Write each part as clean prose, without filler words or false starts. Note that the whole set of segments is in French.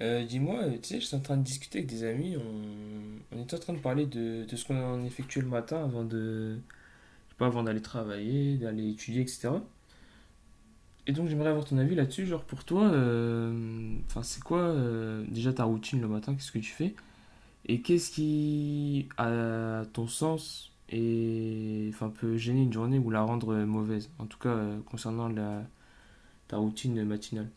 Dis-moi, tu sais, je suis en train de discuter avec des amis, on était en train de parler de ce qu'on effectuait le matin avant de, je sais pas, avant d'aller travailler, d'aller étudier, etc. Et donc j'aimerais avoir ton avis là-dessus, genre pour toi, enfin c'est quoi déjà ta routine le matin, qu'est-ce que tu fais? Et qu'est-ce qui, à ton sens, et, enfin, peut gêner une journée ou la rendre mauvaise, en tout cas concernant ta routine matinale?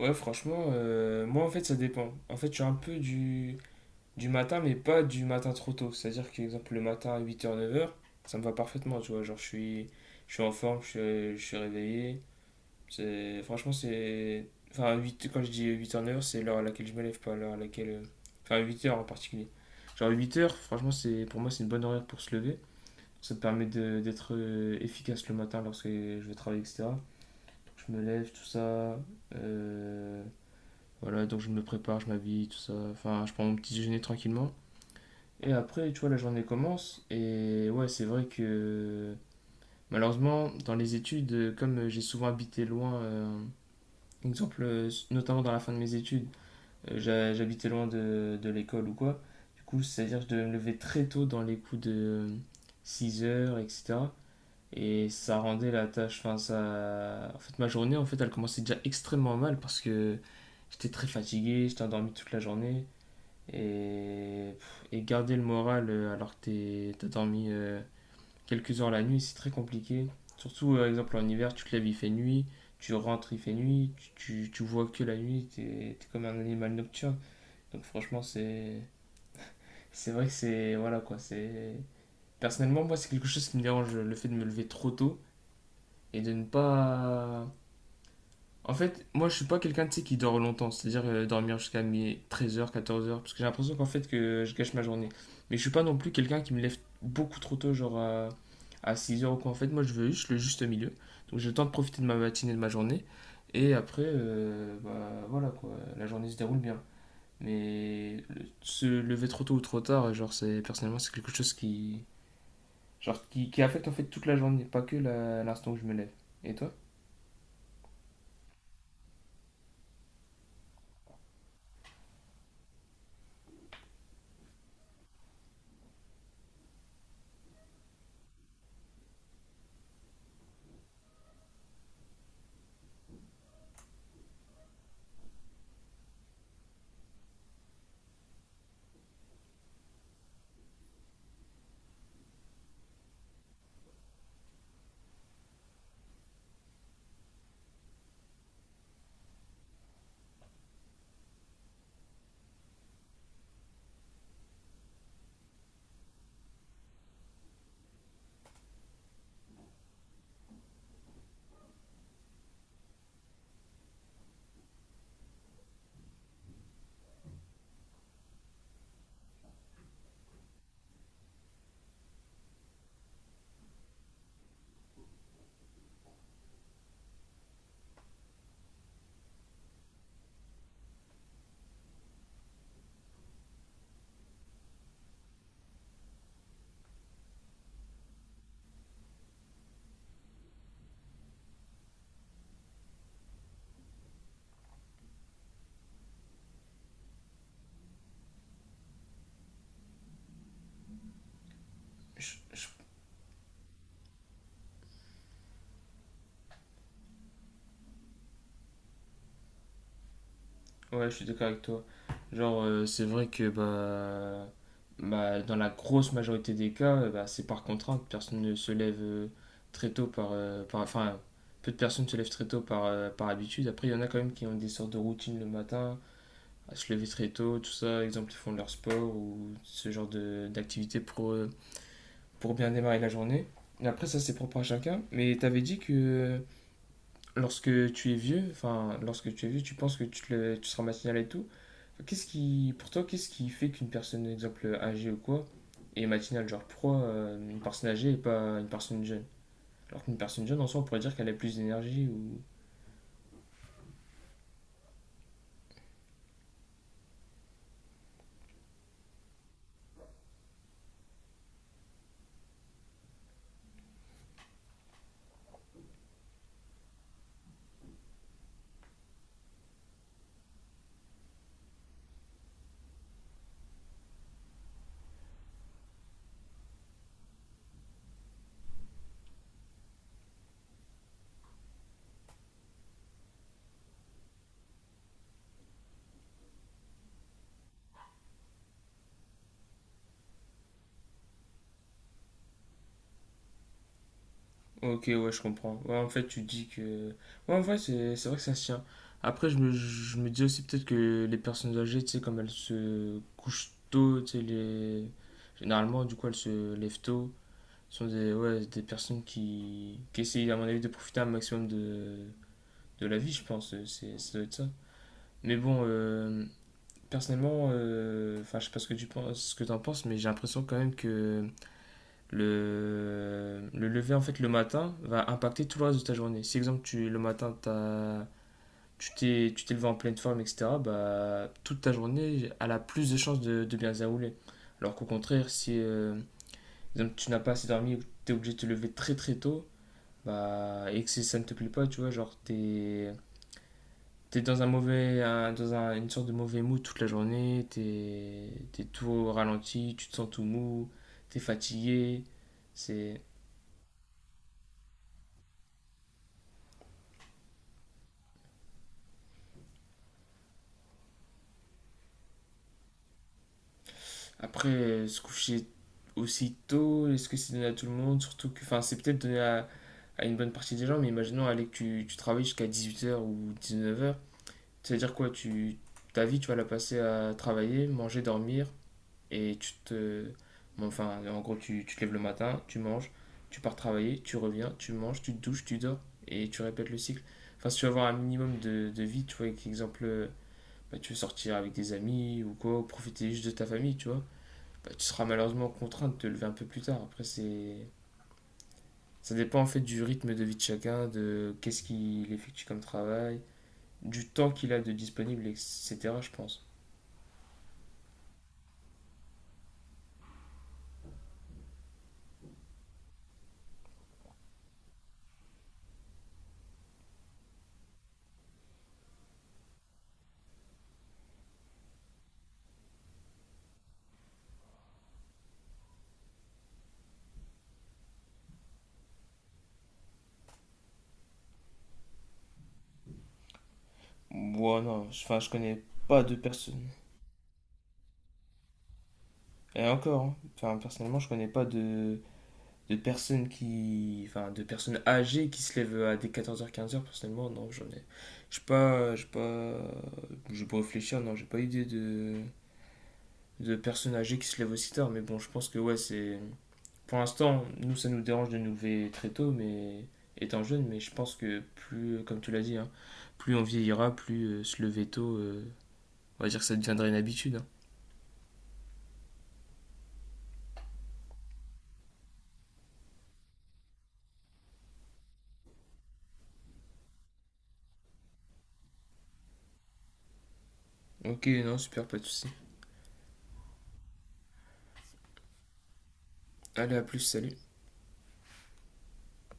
Ouais, franchement, moi en fait ça dépend. En fait, je suis un peu du matin, mais pas du matin trop tôt. C'est-à-dire que, exemple, le matin à 8h, 9h, ça me va parfaitement, tu vois. Genre, je suis en forme, je suis réveillé. C'est, franchement, c'est. Enfin, 8 quand je dis huit heures neuf h c'est l'heure à laquelle je me lève, pas l'heure à laquelle. Enfin, huit heures en particulier. Genre, huit heures franchement, pour moi, c'est une bonne horaire pour se lever. Ça te permet d'être efficace le matin lorsque je vais travailler, etc. Je me lève, tout ça. euh, voilà, donc je me prépare, je m'habille, tout ça. Enfin, je prends mon petit déjeuner tranquillement. Et après, tu vois, la journée commence. Et ouais, c'est vrai que malheureusement, dans les études, comme j'ai souvent habité loin, exemple, notamment dans la fin de mes études, j'habitais loin de l'école ou quoi. Du coup, c'est-à-dire que je devais me lever très tôt dans les coups de 6 heures, etc. Et ça rendait la tâche, enfin, ça. En fait, ma journée elle commençait déjà extrêmement mal parce que j'étais très fatigué, j'étais endormi toute la journée. Et, et garder le moral alors que t'as dormi quelques heures la nuit, c'est très compliqué. Surtout, par exemple, en hiver, tu te lèves, il fait nuit, tu rentres, il fait nuit, tu vois que la nuit, t'es comme un animal nocturne. Donc franchement, c'est vrai que c'est... Voilà quoi, c'est... Personnellement, moi, c'est quelque chose qui me dérange, le fait de me lever trop tôt et de ne pas. En fait, moi je suis pas quelqu'un tu sais, qui dort longtemps, c'est-à-dire dormir jusqu'à mes 13h, 14h, parce que j'ai l'impression qu'en fait que je gâche ma journée. Mais je suis pas non plus quelqu'un qui me lève beaucoup trop tôt, genre à 6h ou quoi. En fait, moi je veux juste le juste milieu. Donc j'ai le temps de profiter de ma matinée, de ma journée. Et après, bah, voilà quoi, la journée se déroule bien. Mais se lever trop tôt ou trop tard, genre c'est personnellement c'est quelque chose qui qui affecte en fait toute la journée, pas que l'instant où je me lève. Et toi? Je Ouais, je suis d'accord avec toi. Genre, c'est vrai que bah, dans la grosse majorité des cas, bah, c'est par contrainte. Personne ne se lève très tôt Enfin, peu de personnes se lèvent très tôt par habitude. Après, il y en a quand même qui ont des sortes de routines le matin, à se lever très tôt, tout ça. Exemple, ils font leur sport ou ce genre de d'activité pour bien démarrer la journée. Et après, ça, c'est propre à chacun. Mais t'avais dit que lorsque tu es vieux, enfin, lorsque tu es vieux, tu penses que tu seras matinal et tout. Pour toi, qu'est-ce qui fait qu'une personne, exemple, âgée ou quoi, est matinale? Genre, pourquoi une personne âgée et pas une personne jeune? Alors qu'une personne jeune, en soi, on pourrait dire qu'elle a plus d'énergie ou... Ok, ouais, je comprends. Ouais, en fait, tu dis que... Ouais, en vrai, c'est vrai que ça se tient. Après, je me dis aussi peut-être que les personnes âgées, tu sais, comme elles se couchent tôt, tu sais, les... Généralement, du coup, elles se lèvent tôt. Sur des, ouais, des personnes qui essayent, à mon avis, de profiter un maximum de la vie, je pense. C'est, ça doit être ça. Mais bon, personnellement, enfin, je sais pas ce que tu penses, ce que t'en penses, mais j'ai l'impression quand même que le lever, en fait, le matin, va impacter tout le reste de ta journée. Si, exemple, le matin, tu t'es levé en pleine forme, etc., bah, toute ta journée, elle a plus de chances de bien se dérouler. Alors qu'au contraire, si, exemple, tu n'as pas assez dormi ou tu es obligé de te lever très très tôt. Bah, et que si ça ne te plaît pas, tu vois, genre, t'es dans un une sorte de mauvais mood toute la journée, t'es tout au ralenti, tu te sens tout mou, t'es fatigué. C'est... Après, se coucher aussi tôt, est-ce que c'est donné à tout le monde? Surtout que, enfin, c'est peut-être donné à une bonne partie des gens, mais imaginons, allez, que tu travailles jusqu'à 18h ou 19h. C'est-à-dire quoi, ta vie, tu vas la passer à travailler, manger, dormir. Et tu te. Bon, enfin, en gros, tu te lèves le matin, tu manges, tu pars travailler, tu reviens, tu manges, tu te douches, tu dors et tu répètes le cycle. Enfin, si tu veux avoir un minimum de vie, tu vois, avec exemple, bah, tu veux sortir avec des amis ou quoi, ou profiter juste de ta famille, tu vois, bah, tu seras malheureusement contraint de te lever un peu plus tard. Après, c'est. Ça dépend en fait du rythme de vie de chacun, de qu'est-ce qu'il effectue comme travail, du temps qu'il a de disponible, etc. Je pense. Moi, non, enfin, je connais pas de personne. Et encore, hein. Enfin, personnellement, je connais pas de personnes de personnes âgées qui se lèvent à des 14h-15h. Personnellement, non, je sais pas, je sais pas, je peux réfléchir. Non, j'ai pas idée de personnes âgées qui se lèvent aussi tard. Mais bon, je pense que ouais, c'est, pour l'instant, nous, ça nous dérange de nous lever très tôt, mais étant jeune. Mais je pense que plus, comme tu l'as dit, hein, plus on vieillira, plus se lever tôt, on va dire que ça deviendrait une habitude. Hein. Ok, non, super, pas de souci. Allez, à plus, salut.